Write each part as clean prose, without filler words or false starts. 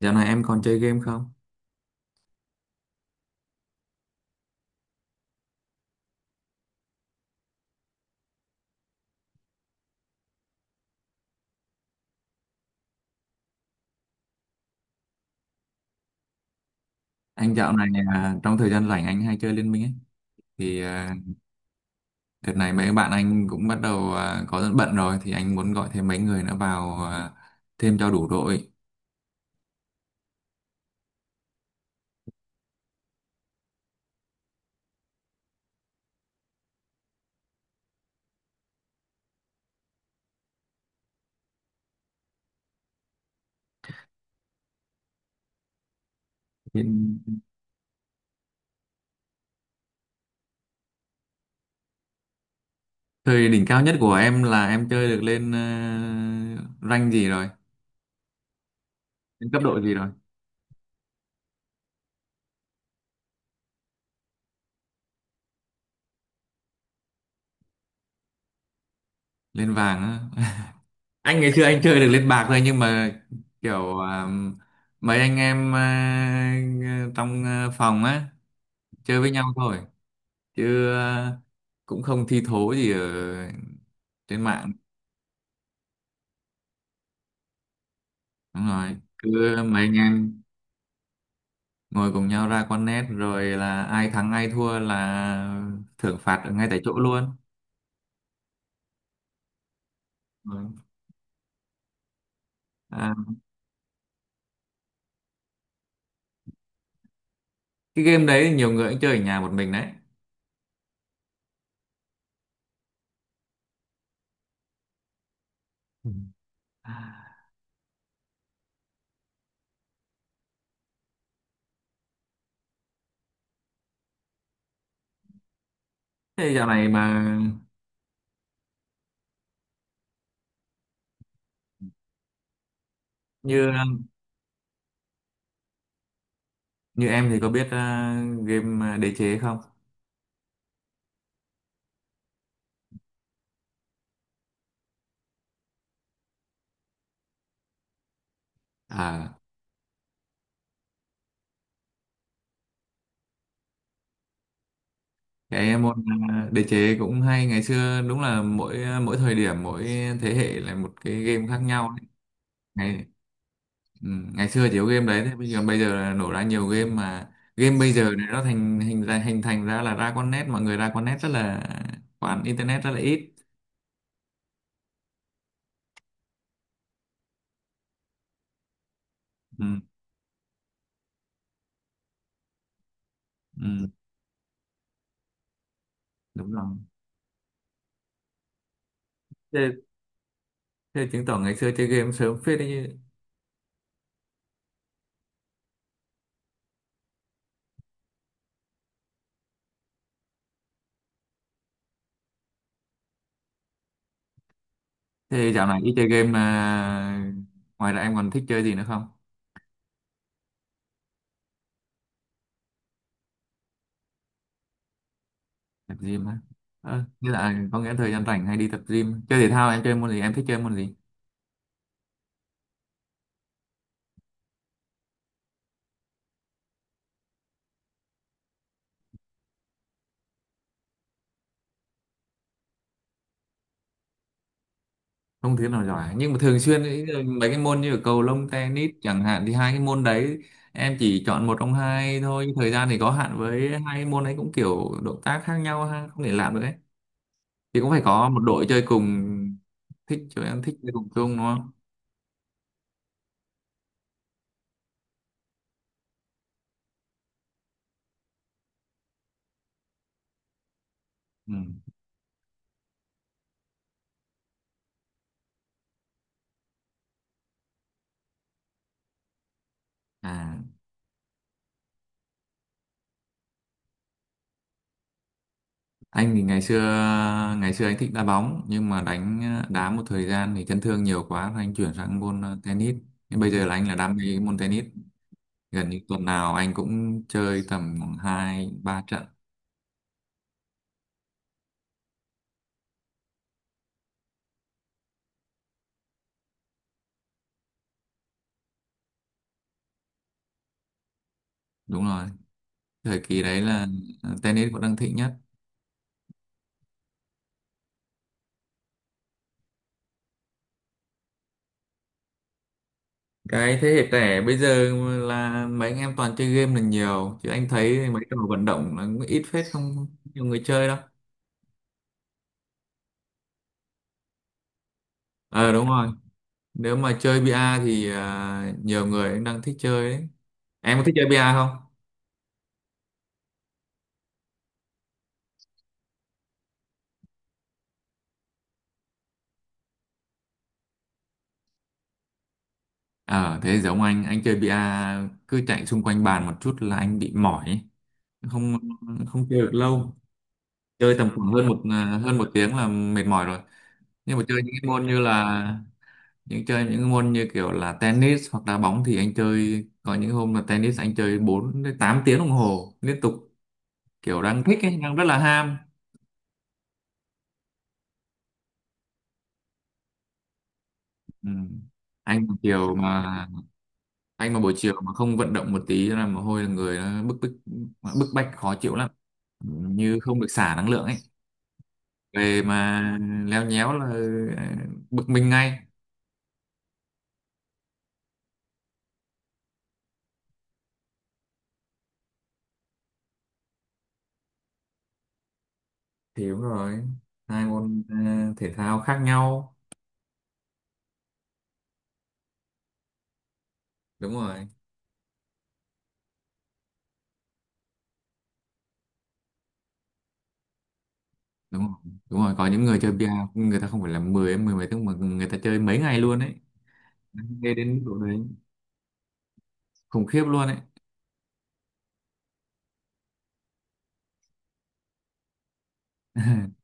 Dạo này em còn chơi game không? Anh dạo này trong thời gian rảnh anh hay chơi Liên Minh ấy. Thì đợt này mấy bạn anh cũng bắt đầu có bận rồi thì anh muốn gọi thêm mấy người nữa vào thêm cho đủ đội. Hiện thời đỉnh cao nhất của em là em chơi được lên rank gì rồi? Lên cấp độ gì rồi? Lên vàng á. Anh ngày xưa anh chơi được lên bạc thôi, nhưng mà kiểu mấy anh em trong phòng á chơi với nhau thôi. Chứ cũng không thi thố gì ở trên mạng. Đúng rồi, cứ mấy anh em ngồi cùng nhau ra con nét rồi là ai thắng ai thua là thưởng phạt ở ngay tại chỗ luôn. Rồi. à, cái game đấy thì nhiều người cũng chơi ở nhà một mình đấy. Ừ. Thế dạo này mà như như em thì có biết game đế chế không? À cái môn đế chế cũng hay, ngày xưa đúng là mỗi thời điểm, mỗi thế hệ là một cái game khác nhau ấy. Ngày Ừ, ngày xưa chỉ có game đấy, thế bây giờ là nổ ra nhiều game mà game bây giờ này nó thành hình ra hình thành ra là ra con nét, mọi người ra con nét rất là khoản internet rất là ít. Ừ, ừ, đúng rồi. Thế, thế chứng tỏ ngày xưa chơi game sớm phết đấy chứ. Thế dạo này ít chơi game mà ngoài ra em còn thích chơi gì nữa không? Tập gym á? Ờ, như là có nghĩa là thời gian rảnh hay đi tập gym chơi thể thao, em chơi môn gì, em thích chơi môn gì? Không thứ nào giỏi nhưng mà thường xuyên, ý là mấy cái môn như là cầu lông, tennis chẳng hạn thì hai cái môn đấy em chỉ chọn một trong hai thôi, nhưng thời gian thì có hạn, với hai cái môn ấy cũng kiểu động tác khác nhau ha, không thể làm được ấy, thì cũng phải có một đội chơi cùng. Thích chơi Em thích chơi cùng chung đúng không? Ừ. à anh thì ngày xưa, anh thích đá bóng nhưng mà đá một thời gian thì chấn thương nhiều quá rồi anh chuyển sang môn tennis. Nhưng bây giờ là anh là đam mê cái môn tennis, gần như tuần nào anh cũng chơi tầm khoảng hai ba trận. Đúng rồi, thời kỳ đấy là tennis cũng đang thịnh nhất. Cái thế hệ trẻ bây giờ là mấy anh em toàn chơi game là nhiều chứ anh thấy mấy trò vận động là cũng ít phết, không nhiều người chơi đâu. Ờ đúng rồi, nếu mà chơi bia thì nhiều người cũng đang thích chơi đấy. Em có thích chơi bia không? Ờ thế giống anh chơi bia cứ chạy xung quanh bàn một chút là anh bị mỏi ấy. Không, không chơi được lâu, chơi tầm khoảng hơn hơn một tiếng là mệt mỏi rồi. Nhưng mà chơi những cái môn như là những chơi những môn như kiểu là tennis hoặc đá bóng thì anh chơi có những hôm là tennis anh chơi 4 đến 8 tiếng đồng hồ liên tục, kiểu đang thích ấy, đang rất là ham. Ừ. anh mà chiều mà anh mà buổi chiều mà không vận động một tí là mồ hôi là người nó bức bức bức bách khó chịu lắm. Ừ, như không được xả năng lượng ấy, về mà leo nhéo là ờ, bực mình ngay. Thì đúng rồi, hai môn thể thao khác nhau. Đúng rồi, đúng rồi, đúng rồi, có những người chơi bia người ta không phải là 10 mười mấy tiếng mà người ta chơi mấy ngày luôn ấy. Nghe đến mức độ đấy khủng khiếp luôn ấy.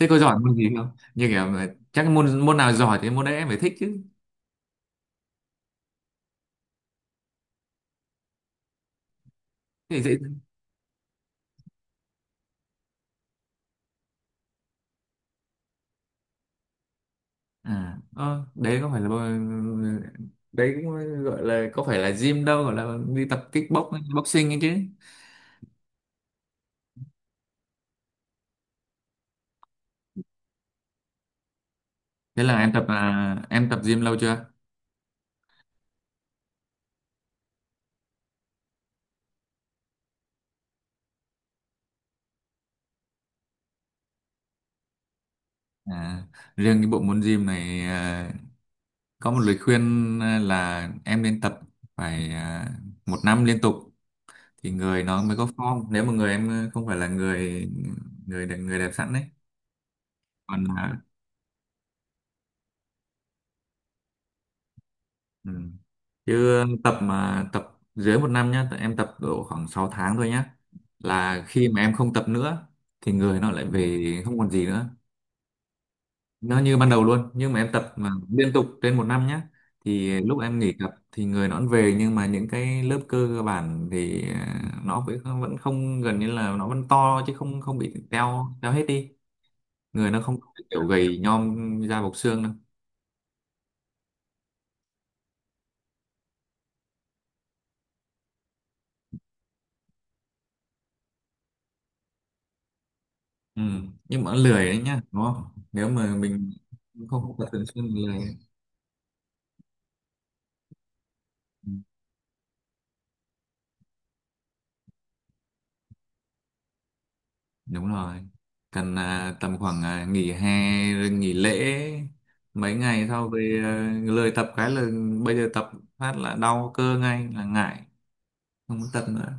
Thế có giỏi môn gì không? Như kiểu là chắc môn môn nào giỏi thì môn đấy em phải thích chứ. Thì dễ. À ờ, đấy có phải là bơ- đấy cũng gọi là có phải là gym đâu, gọi là đi tập kickbox boxing ấy chứ. Thế là em tập à, em tập gym lâu chưa? à, Riêng cái bộ môn gym này, có một lời khuyên là em nên tập phải một năm liên tục thì người nó mới có form, nếu mà người em không phải là người người đẹp sẵn đấy. Còn ừ. Chứ tập mà tập dưới một năm nhá, em tập độ khoảng 6 tháng thôi nhá là khi mà em không tập nữa thì người nó lại về không còn gì nữa, nó như ban đầu luôn. Nhưng mà em tập mà liên tục trên một năm nhé thì lúc em nghỉ tập thì người nó vẫn về, nhưng mà những cái lớp cơ cơ bản thì nó vẫn vẫn không, gần như là nó vẫn to chứ không không bị teo teo hết đi, người nó không kiểu gầy nhom da bọc xương đâu. Ừ. Nhưng mà lười đấy nhá đúng không? Nếu mà mình không không tập thường xuyên thì lười. Ừ. Đúng rồi, cần tầm khoảng nghỉ hè rồi nghỉ lễ mấy ngày sau về lười tập cái là bây giờ tập phát là đau cơ ngay là ngại, không muốn tập nữa.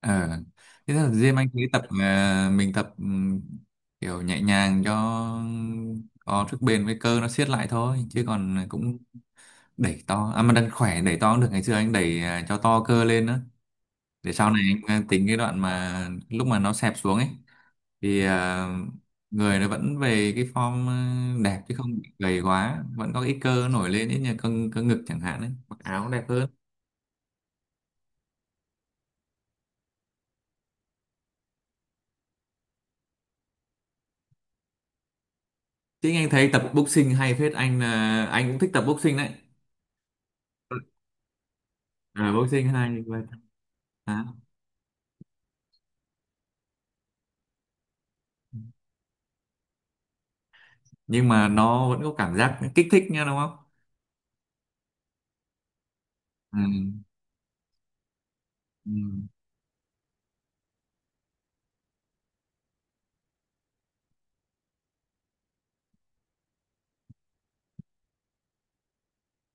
Ờ thế là riêng anh thấy tập, mình tập kiểu nhẹ nhàng cho có sức bền với cơ nó siết lại thôi, chứ còn cũng đẩy to mà đang khỏe đẩy to cũng được, ngày xưa anh đẩy cho to cơ lên nữa để sau này anh tính cái đoạn mà lúc mà nó xẹp xuống ấy thì người nó vẫn về cái form đẹp chứ không bị gầy quá, vẫn có ít cơ nổi lên, ít như cân cân ngực chẳng hạn ấy, mặc áo cũng đẹp hơn. Chứ anh thấy tập boxing hay phết, anh là anh cũng thích tập boxing đấy. Boxing hay vậy. à, nhưng mà nó vẫn có cảm giác kích thích nha đúng không? Ừ. Ừ.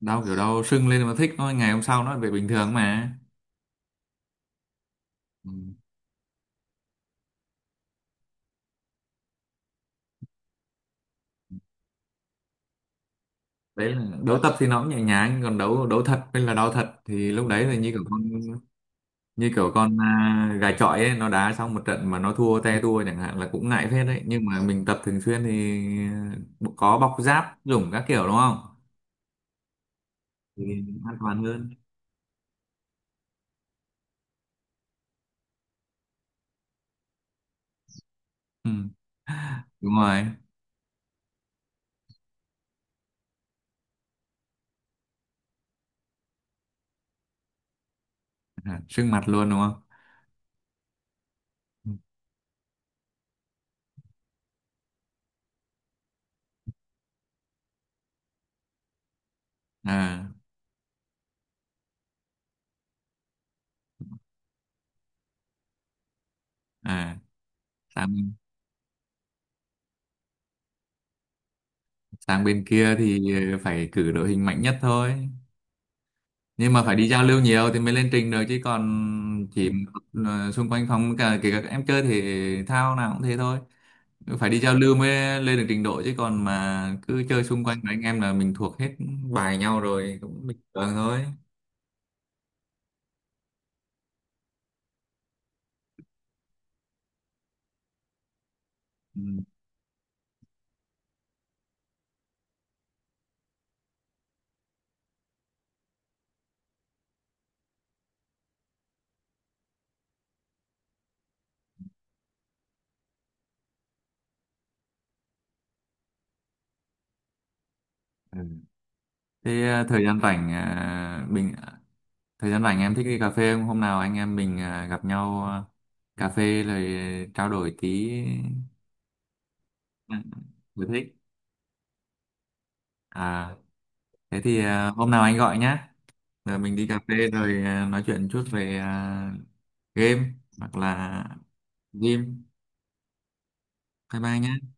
Đau kiểu đau sưng lên mà thích thôi, ngày hôm sau nó lại về bình thường mà. Ừ. Đấy là đấu tập thì nó cũng nhẹ nhàng, còn đấu đấu thật hay là đau thật thì lúc đấy thì như kiểu con, gà chọi ấy, nó đá xong một trận mà nó thua te tua chẳng hạn là cũng ngại phết đấy, nhưng mà mình tập thường xuyên thì à, có bọc giáp dùng các kiểu đúng không? Thì an toàn hơn. Ừ, đúng rồi. Sưng mặt luôn đúng không? Ừ. à à sang sang bên kia thì phải cử đội hình mạnh nhất thôi. Nhưng mà phải đi giao lưu nhiều thì mới lên trình được chứ còn chỉ xung quanh phòng, cả kể cả các em chơi thể thao nào cũng thế thôi, phải đi giao lưu mới lên được trình độ chứ còn mà cứ chơi xung quanh với anh em là mình thuộc hết bài nhau rồi cũng bình thường thôi. Ừ. Ừ. Thế thời gian rảnh, ờ, mình thời gian rảnh em thích đi cà phê không, hôm nào anh em mình gặp nhau cà phê rồi trao đổi tí ờ, sở thích. à Thế thì hôm nào anh gọi nhé. Giờ mình đi cà phê rồi nói chuyện chút về game hoặc là gym. Bye bye nhá.